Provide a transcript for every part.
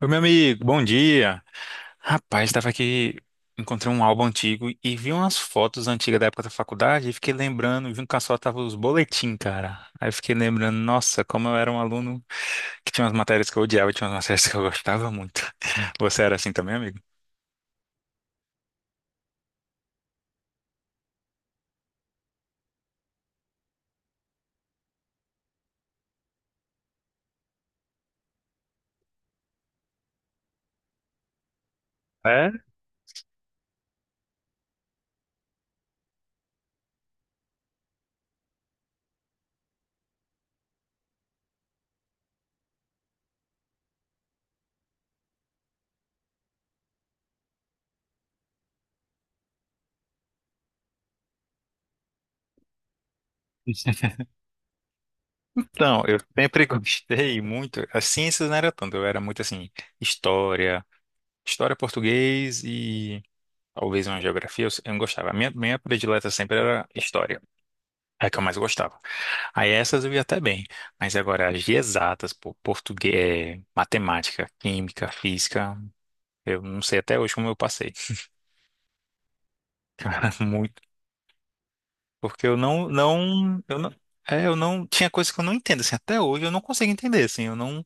Oi, meu amigo, bom dia. Rapaz, estava aqui, encontrei um álbum antigo e vi umas fotos antigas da época da faculdade e fiquei lembrando, junto com a sua tava os boletim, cara. Aí eu fiquei lembrando, nossa, como eu era um aluno que tinha umas matérias que eu odiava e tinha umas matérias que eu gostava muito. Você era assim também, amigo? É? Então, eu sempre gostei muito, as ciências não era tanto, eu era muito assim, história, história português e talvez uma geografia, eu não gostava. A minha predileta sempre era história. É a que eu mais gostava. Aí essas eu ia até bem. Mas agora, as de exatas, pô, português, matemática, química, física, eu não sei até hoje como eu passei. Muito. Porque eu não tinha coisas que eu não entendo, assim, até hoje eu não consigo entender, assim, eu não,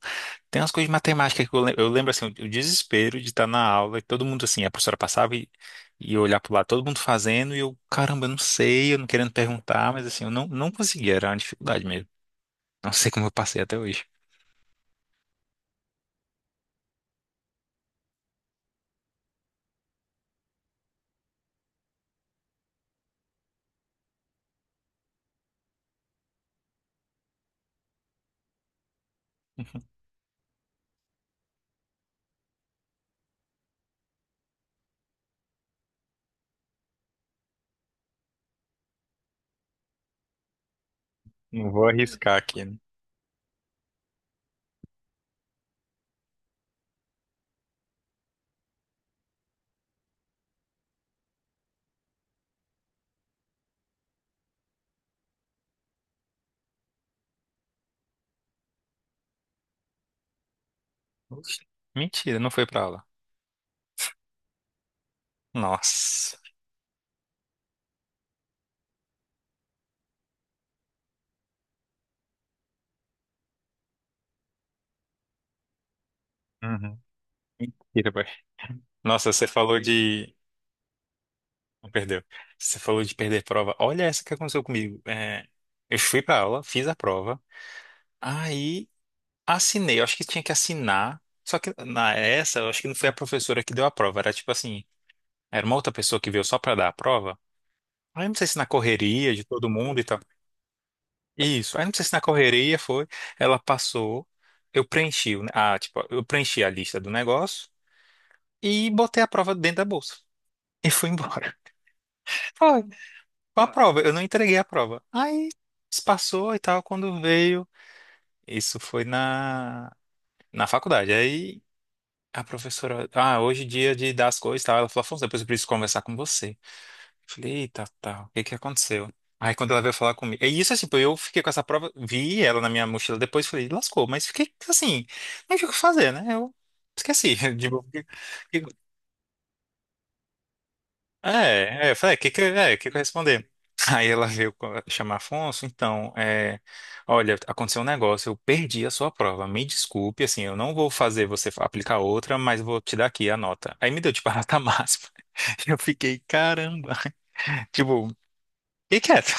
tem umas coisas de matemática que eu lembro, assim, o desespero de estar na aula e todo mundo, assim, a professora passava e eu olhar pro lado, todo mundo fazendo e eu, caramba, eu não sei, eu não querendo perguntar, mas assim, eu não conseguia, era uma dificuldade mesmo. Não sei como eu passei até hoje. Não vou arriscar aqui, né? Oxi. Mentira, não foi pra aula. Nossa. Uhum. Mentira, boy. Nossa, você falou de. Não perdeu. Você falou de perder prova. Olha essa que aconteceu comigo. É, eu fui pra aula, fiz a prova. Aí assinei, eu acho que tinha que assinar. Só que na essa, eu acho que não foi a professora que deu a prova, era tipo assim, era uma outra pessoa que veio só pra dar a prova. Aí eu não sei se na correria de todo mundo e tal. Isso. Aí eu não sei se na correria foi, ela passou, eu preenchi, tipo, eu preenchi a lista do negócio e botei a prova dentro da bolsa e fui embora. Foi, foi a prova, eu não entreguei a prova. Aí se passou e tal, quando veio, isso foi na faculdade. Aí a professora, ah, hoje é dia de dar as coisas e tal. Ela falou, Afonso, depois eu preciso conversar com você. Falei, eita, tal, o que que aconteceu? Aí quando ela veio falar comigo, é isso assim, pô, eu fiquei com essa prova, vi ela na minha mochila depois, falei, lascou, mas fiquei assim, não tinha o que fazer, né? Eu esqueci, de- É, eu falei, "É, que, que eu responder? Aí ela veio chamar Afonso, então, olha, aconteceu um negócio, eu perdi a sua prova, me desculpe, assim, eu não vou fazer você fa- aplicar outra, mas vou te dar aqui a nota. Aí me deu, tipo, a nota máxima. Eu fiquei, caramba, tipo, fiquei quieto.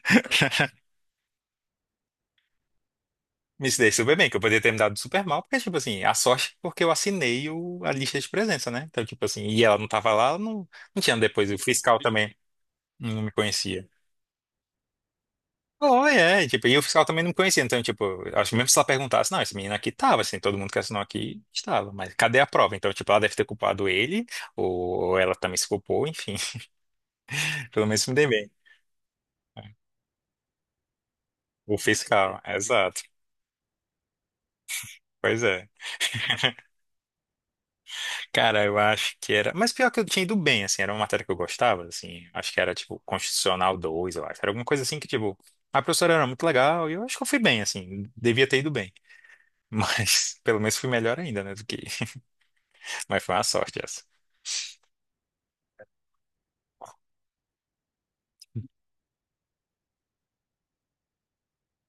Me dei super bem, que eu poderia ter me dado super mal, porque, tipo assim, a sorte, porque eu assinei o- a lista de presença, né? Então, tipo assim, e ela não tava lá, não, não tinha depois, o fiscal também não me conhecia. Oh é, tipo, e o fiscal também não me conhecia, então, tipo, acho que mesmo se ela perguntasse, não, esse menino aqui tava, assim, todo mundo que assinou aqui estava, mas cadê a prova? Então, tipo, ela deve ter culpado ele, ou ela também se culpou, enfim, pelo menos me dei bem. O fiscal, exato, pois é. Cara, eu acho que era, mas pior que eu tinha ido bem, assim, era uma matéria que eu gostava, assim, acho que era, tipo, Constitucional 2 eu acho, era alguma coisa assim que, tipo, a professora era muito legal, e eu acho que eu fui bem, assim, devia ter ido bem, mas pelo menos fui melhor ainda, né, do que, mas foi uma sorte essa.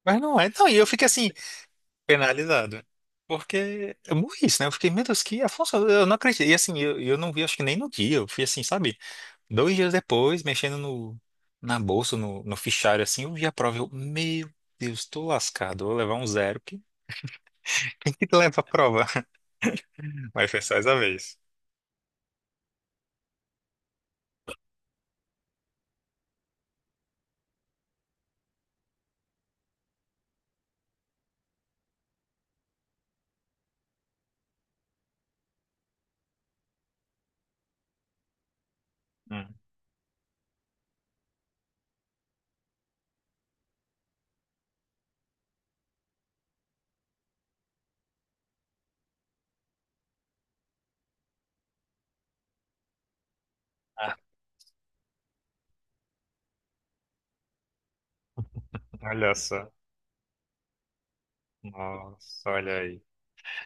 Mas não é. Não, e eu fiquei assim, penalizado. Porque eu morri, isso, né? Eu fiquei, meu Deus, que Afonso, eu não acredito. E assim, eu não vi, acho que nem no dia. Eu fui assim, sabe? 2 dias depois, mexendo no, na bolsa, no fichário, assim, eu vi a prova. Eu, meu Deus, tô lascado. Vou levar um zero. Quem que leva a prova? Mas foi só essa vez. Hum. Ah, olha só. Nossa, olha aí.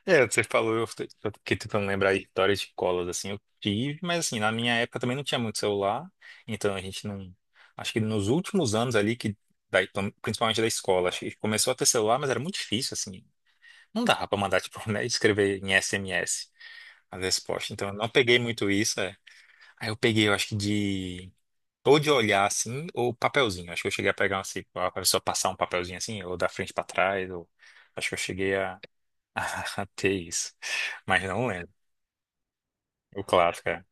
É, você falou, eu fiquei tentando lembrar histórias de escolas assim, eu tive, mas assim, na minha época também não tinha muito celular, então a gente não, acho que nos últimos anos ali, que então, principalmente da escola, acho que começou a ter celular, mas era muito difícil, assim, não dava pra mandar, tipo, né, escrever em SMS as respostas, então eu não peguei muito isso, é. Aí eu peguei, eu acho que ou de olhar, assim, ou papelzinho, acho que eu cheguei a pegar, assim, a pessoa passar um papelzinho, assim, ou da frente pra trás, ou, acho que eu cheguei até isso. Mas não lembro. O clássico, é.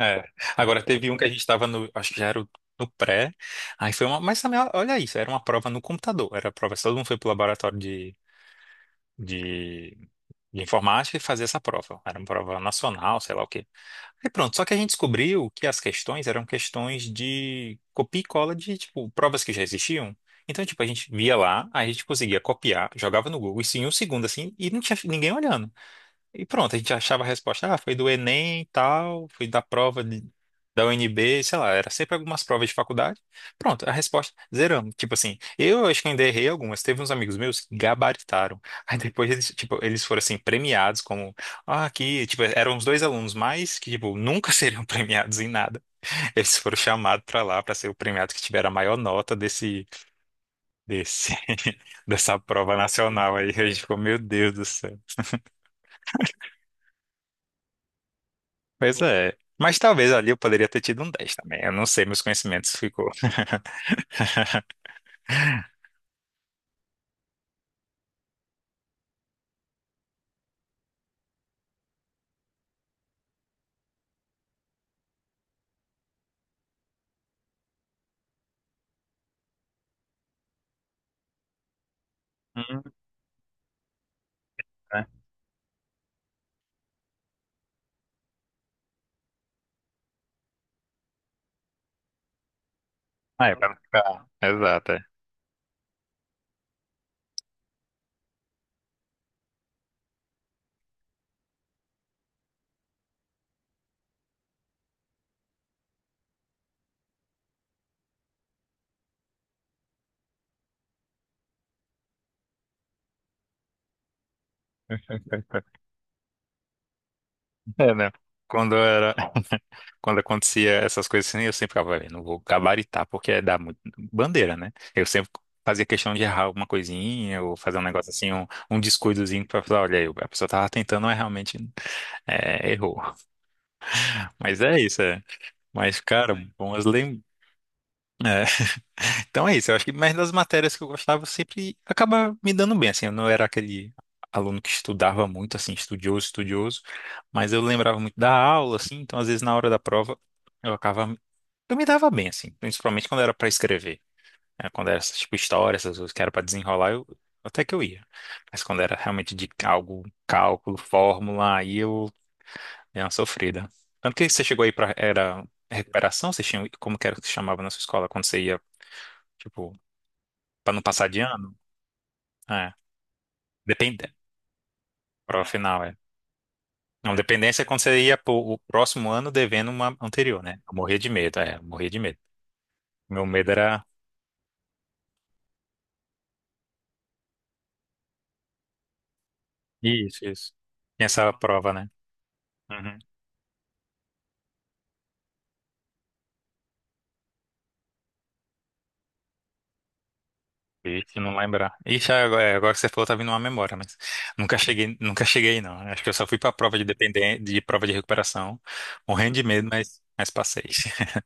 É. Agora teve um que a gente estava no. Acho que já era o- no pré. Aí foi uma. Mas também, olha isso, era uma prova no computador. Era a prova. Todo mundo foi pro laboratório de, de, de informática e fazer essa prova. Era uma prova nacional, sei lá o quê. Aí pronto. Só que a gente descobriu que as questões eram questões de copia e cola de, tipo, provas que já existiam. Então, tipo, a gente via lá, aí a gente conseguia copiar, jogava no Google, isso em um segundo, assim, e não tinha ninguém olhando. E pronto, a gente achava a resposta, ah, foi do Enem e tal, foi da prova de- da UNB, sei lá, era sempre algumas provas de faculdade. Pronto, a resposta, zeramos. Tipo assim, eu acho que ainda errei algumas, teve uns amigos meus que gabaritaram. Aí depois eles, tipo, eles foram assim, premiados como, ah, aqui, tipo, eram os dois alunos mais que, tipo, nunca seriam premiados em nada. Eles foram chamados pra lá pra ser o premiado que tiver a maior nota desse, dessa prova nacional aí. A gente ficou, meu Deus do céu. Pois é. Mas talvez ali eu poderia ter tido um 10 também. Eu não sei, meus conhecimentos ficou. Hum, é. Ah, é pra não ficar. Exato. É, É, né? Quando eu era. Quando acontecia essas coisas assim, eu sempre ficava, "Olha, não vou gabaritar, porque dá muito bandeira, né? Eu sempre fazia questão de errar alguma coisinha, ou fazer um negócio assim, um descuidozinho pra falar, olha aí, a pessoa tava tentando, mas realmente é, errou. Mas é isso, é. Mas, cara, bom, as lembranças. Então é isso, eu acho que mais das matérias que eu gostava eu sempre acaba me dando bem, assim, eu não era aquele aluno que estudava muito, assim, estudioso, estudioso, mas eu lembrava muito da aula, assim, então às vezes na hora da prova eu acabava, eu me dava bem, assim, principalmente quando era para escrever, né, quando era, tipo, história, essas coisas que era para desenrolar, eu, até que eu ia, mas quando era realmente de algo, cálculo, fórmula, aí eu dei uma sofrida. Tanto que você chegou aí para, era recuperação, vocês tinham, como que era que se chamava na sua escola, quando você ia, tipo, para não passar de ano? É. Depende. Prova final, é. Não, dependência é quando você ia pro o próximo ano devendo uma anterior, né? Eu morria de medo, é, eu morria de medo. Meu medo era. Isso, isso. Tinha essa prova, né? Uhum. Ixi, não lembrar. Ixi, é, agora que você falou, tá vindo uma memória, mas nunca cheguei, nunca cheguei, não. Acho que eu só fui pra prova de dependência, de prova de recuperação, morrendo de medo, mas passei.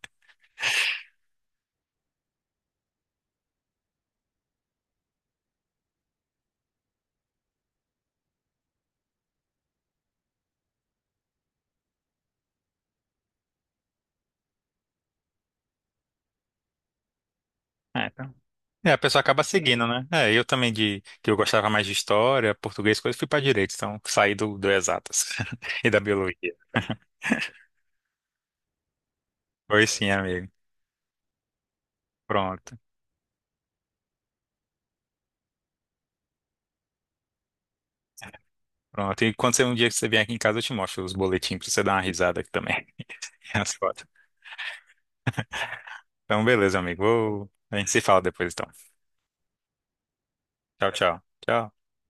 É, então. É, a pessoa acaba seguindo, né? É, eu também de que eu gostava mais de história, português, coisa, fui para direito, então saí do, do exatas e da biologia. Pois sim, amigo. Pronto, pronto. E quando você um dia que você vier aqui em casa, eu te mostro os boletins pra você dar uma risada aqui também. As fotos. Então, beleza, amigo. Vou- A gente se fala depois, então. Tchau, tchau. Tchau.